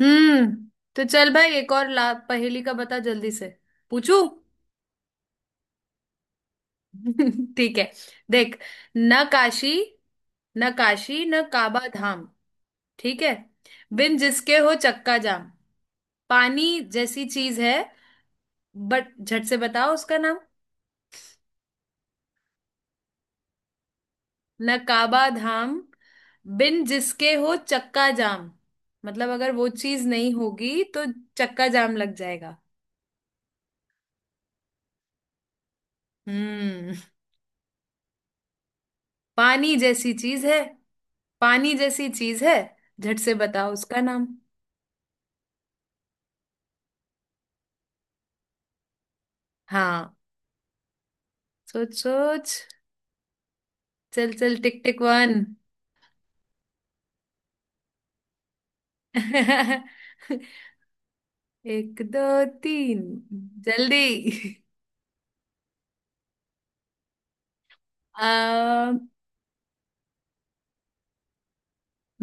हम्म। तो चल भाई, एक और ला, पहेली का बता जल्दी से पूछू। ठीक है, देख। न काशी न काशी न काबा धाम। ठीक है। बिन जिसके हो चक्का जाम, पानी जैसी चीज है, बट झट से बताओ उसका नाम। न काबा धाम, बिन जिसके हो चक्का जाम, मतलब अगर वो चीज नहीं होगी तो चक्का जाम लग जाएगा। हम्म। पानी जैसी चीज है, पानी जैसी चीज है, झट से बताओ उसका नाम। हाँ, सोच सोच। चल चल, टिक टिक वन। एक, दो, तीन, जल्दी। आ,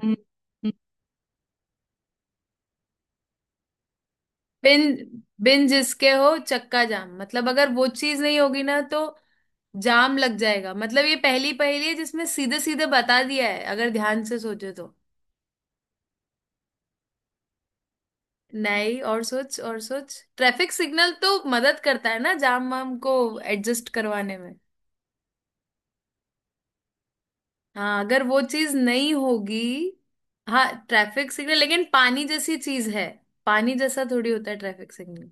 बिन बिन जिसके हो चक्का जाम, मतलब अगर वो चीज नहीं होगी ना तो जाम लग जाएगा। मतलब ये पहली पहेली है जिसमें सीधे सीधे बता दिया है अगर ध्यान से सोचे तो। नहीं, और सोच और सोच, ट्रैफिक सिग्नल तो मदद करता है ना जाम वाम को एडजस्ट करवाने में। हाँ, अगर वो चीज नहीं होगी। हाँ, ट्रैफिक सिग्नल, लेकिन पानी जैसी चीज है, पानी जैसा थोड़ी होता है ट्रैफिक सिग्नल।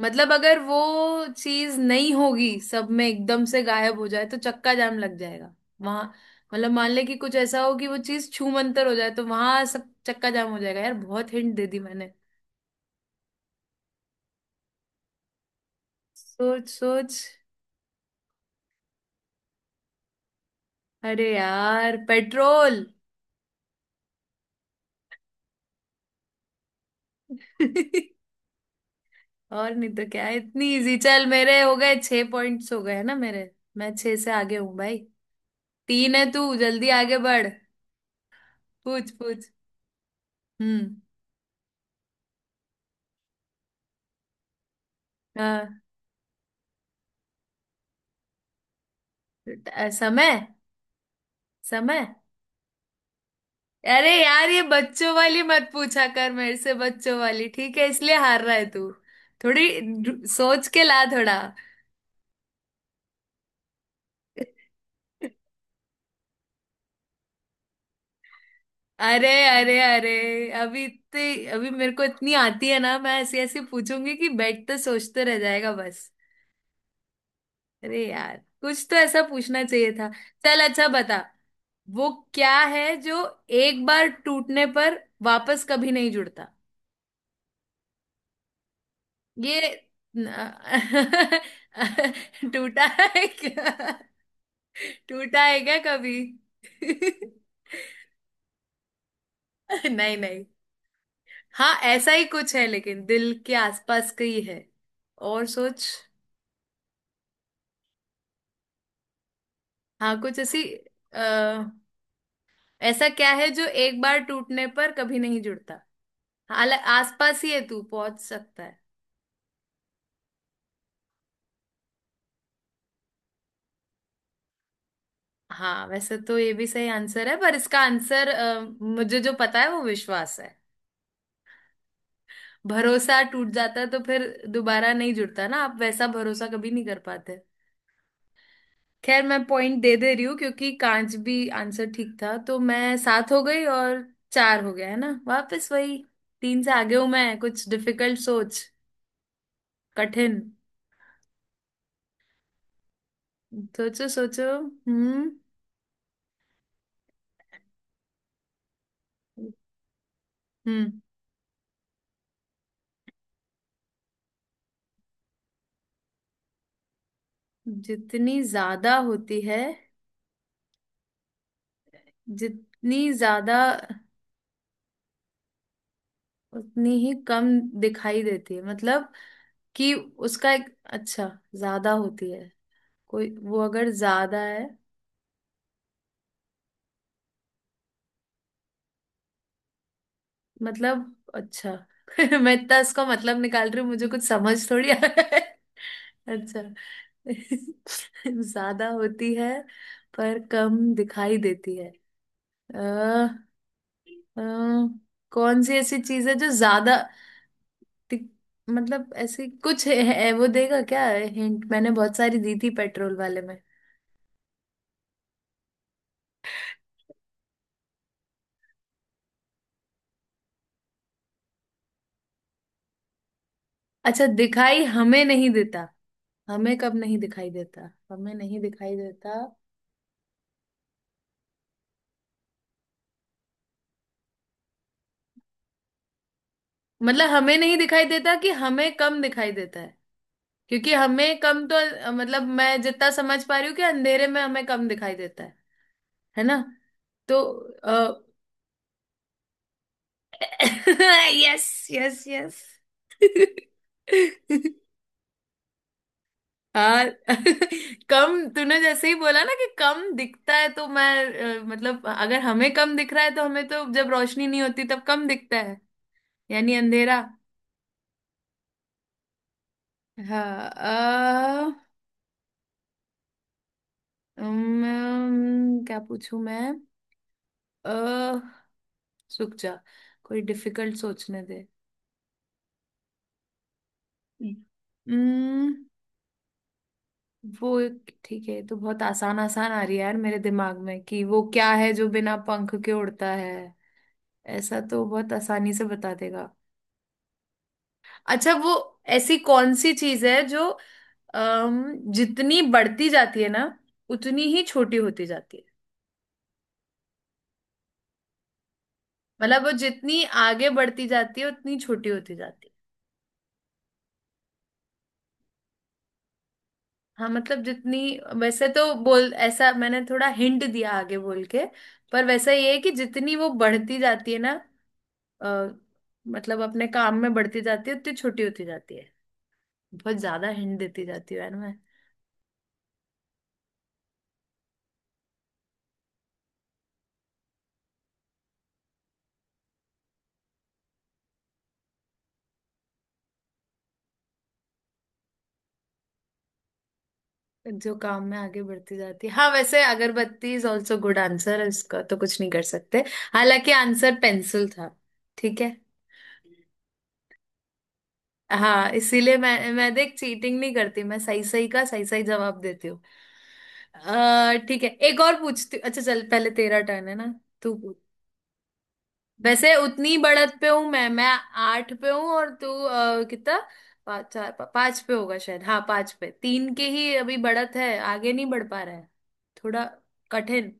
मतलब अगर वो चीज नहीं होगी, सब में एकदम से गायब हो जाए तो चक्का जाम लग जाएगा वहां। मतलब मान ले कि कुछ ऐसा हो कि वो चीज छूमंतर हो जाए तो वहां सब चक्का जाम हो जाएगा। यार, बहुत हिंट दे दी मैंने। सोच सोच। अरे यार, पेट्रोल। और नहीं तो क्या है, इतनी इजी। चल, मेरे हो गए छह पॉइंट्स, हो गए ना मेरे। मैं छह से आगे हूँ भाई। तीन है तू, जल्दी आगे बढ़। पूछ पूछ। हम्म। हाँ, समय। समय। अरे यार, ये बच्चों वाली मत पूछा कर मेरे से, बच्चों वाली ठीक है, इसलिए हार रहा है तू। थोड़ी सोच के ला थोड़ा। अरे अरे अरे, अभी इतने, अभी मेरे को इतनी आती है ना, मैं ऐसी ऐसी पूछूंगी कि बैठ तो सोचते रह जाएगा बस। अरे यार, कुछ तो ऐसा पूछना चाहिए था। चल अच्छा, बता वो क्या है जो एक बार टूटने पर वापस कभी नहीं जुड़ता। ये न- टूटा है क्या, टूटा है क्या कभी? नहीं नहीं। हाँ, ऐसा ही कुछ है लेकिन दिल के आसपास का ही है। और सोच। हाँ, कुछ ऐसी। अ, ऐसा क्या है जो एक बार टूटने पर कभी नहीं जुड़ता, हालांकि आसपास ही है, तू पहुंच सकता है। हाँ, वैसे तो ये भी सही आंसर है, पर इसका आंसर मुझे जो पता है वो विश्वास है। भरोसा टूट जाता है तो फिर दोबारा नहीं जुड़ता ना, आप वैसा भरोसा कभी नहीं कर पाते। खैर, मैं पॉइंट दे दे रही हूँ क्योंकि कांच भी आंसर ठीक था, तो मैं सात हो गई और चार हो गया है ना वापस वही। तीन से आगे हूं मैं। कुछ डिफिकल्ट सोच, कठिन। सोचो सोचो। हम्म। हम्म। जितनी ज्यादा होती है। जितनी ज्यादा उतनी ही कम दिखाई देती है, मतलब कि उसका एक अच्छा। ज्यादा होती है, कोई वो अगर ज्यादा है, मतलब अच्छा। मैं इतना इसका मतलब निकाल रही हूँ, मुझे कुछ समझ थोड़ी आ रहा है। अच्छा। ज्यादा होती है पर कम दिखाई देती है। अ, अ, कौन सी ऐसी चीज है जो ज्यादा ति- मतलब ऐसे कुछ है, वो देगा क्या हिंट, मैंने बहुत सारी दी थी पेट्रोल वाले में। अच्छा, दिखाई हमें नहीं देता। हमें कब नहीं दिखाई देता? हमें नहीं दिखाई देता, मतलब हमें नहीं दिखाई देता कि हमें कम दिखाई देता है? क्योंकि हमें कम तो मतलब मैं जितना समझ पा रही हूँ कि अंधेरे में हमें कम दिखाई देता है ना? तो यस यस यस। हाँ। कम तूने जैसे ही बोला ना कि कम दिखता है तो मैं, मतलब अगर हमें कम दिख रहा है तो हमें तो, जब रोशनी नहीं होती तब कम दिखता है, यानी अंधेरा। हाँ। क्या पूछूं मैं? अ रुक जा, कोई डिफिकल्ट सोचने दे। अम्म, ठीक है, ये तो बहुत आसान आसान आ रही है यार मेरे दिमाग में, कि वो क्या है जो बिना पंख के उड़ता है, ऐसा तो बहुत आसानी से बता देगा। अच्छा वो, ऐसी कौन सी चीज है जो जितनी बढ़ती जाती है ना उतनी ही छोटी होती जाती है, मतलब वो जितनी आगे बढ़ती जाती है उतनी छोटी होती जाती है। हाँ, मतलब जितनी, वैसे तो बोल, ऐसा मैंने थोड़ा हिंट दिया आगे बोल के, पर वैसा ये है कि जितनी वो बढ़ती जाती है ना, अ, मतलब अपने काम में बढ़ती जाती है उतनी छोटी होती जाती है। बहुत ज्यादा हिंट देती जाती है यार मैं। जो काम में आगे बढ़ती जाती है, हाँ, वैसे अगरबत्ती इज ऑल्सो गुड आंसर है, उसका तो कुछ नहीं कर सकते, हालांकि आंसर पेंसिल था। ठीक है। हाँ, इसीलिए मैं देख, चीटिंग नहीं करती, मैं सही सही का सही सही जवाब देती हूँ। ठीक है, एक और पूछती हूँ। अच्छा चल, पहले तेरा टर्न है ना, तू पूछ। वैसे उतनी बढ़त पे हूँ मैं आठ पे हूँ और तू कितना? पाँच, चार, पाँच पे होगा शायद। हाँ, पाँच पे, तीन के ही अभी बढ़त है, आगे नहीं बढ़ पा रहा है थोड़ा। कठिन,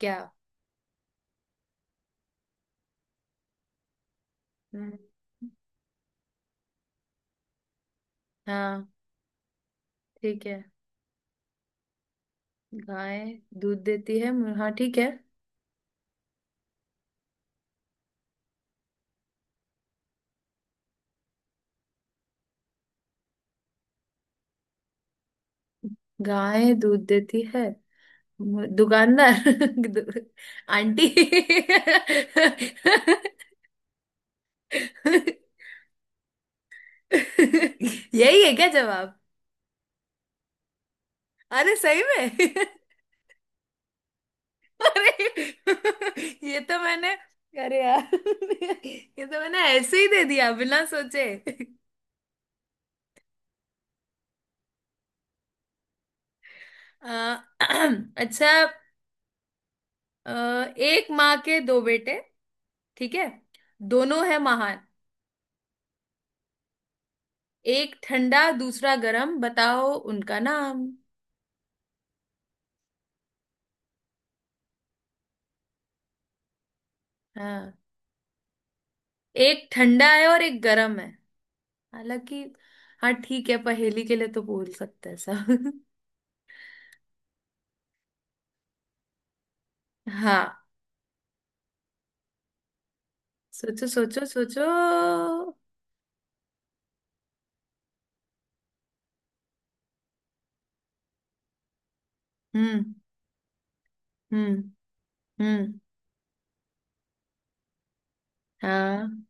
क्या? हम्म। हाँ ठीक है, गाय दूध देती है। हाँ ठीक है, गाय दूध देती है। दुकानदार। दु- आंटी। यही है क्या जवाब? अरे सही में! अरे ये तो मैंने अरे यार, ये तो मैंने ऐसे ही दे दिया बिना सोचे। अ, अच्छा। अ, एक माँ के दो बेटे, ठीक है, दोनों है महान, एक ठंडा दूसरा गरम, बताओ उनका नाम। हाँ, एक ठंडा है और एक गरम है। हालांकि, हाँ ठीक है, पहेली के लिए तो बोल सकते हैं सब। हाँ, सोचो सोचो सोचो। हम्म। हम्म। हम्म। हाँ,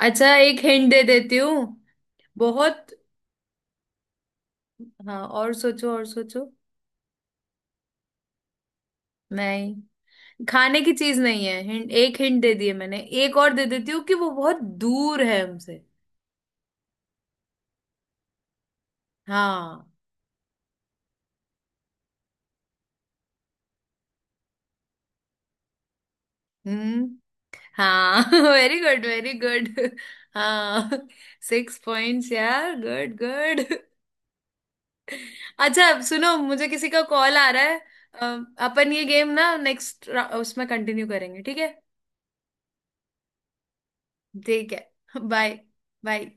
अच्छा, एक हिंट दे देती हूँ। बहुत। हाँ, और सोचो और सोचो। नहीं, खाने की चीज नहीं है हिंट, एक हिंट दे दिए मैंने, एक और दे देती हूँ कि वो बहुत दूर है हमसे। हाँ। हम्म। हाँ, वेरी गुड वेरी गुड। हाँ, सिक्स पॉइंट्स यार, गुड गुड। अच्छा, अब सुनो, मुझे किसी का कॉल आ रहा है। अपन ये गेम ना नेक्स्ट उसमें कंटिन्यू करेंगे, ठीक है? ठीक है। बाय। बाय।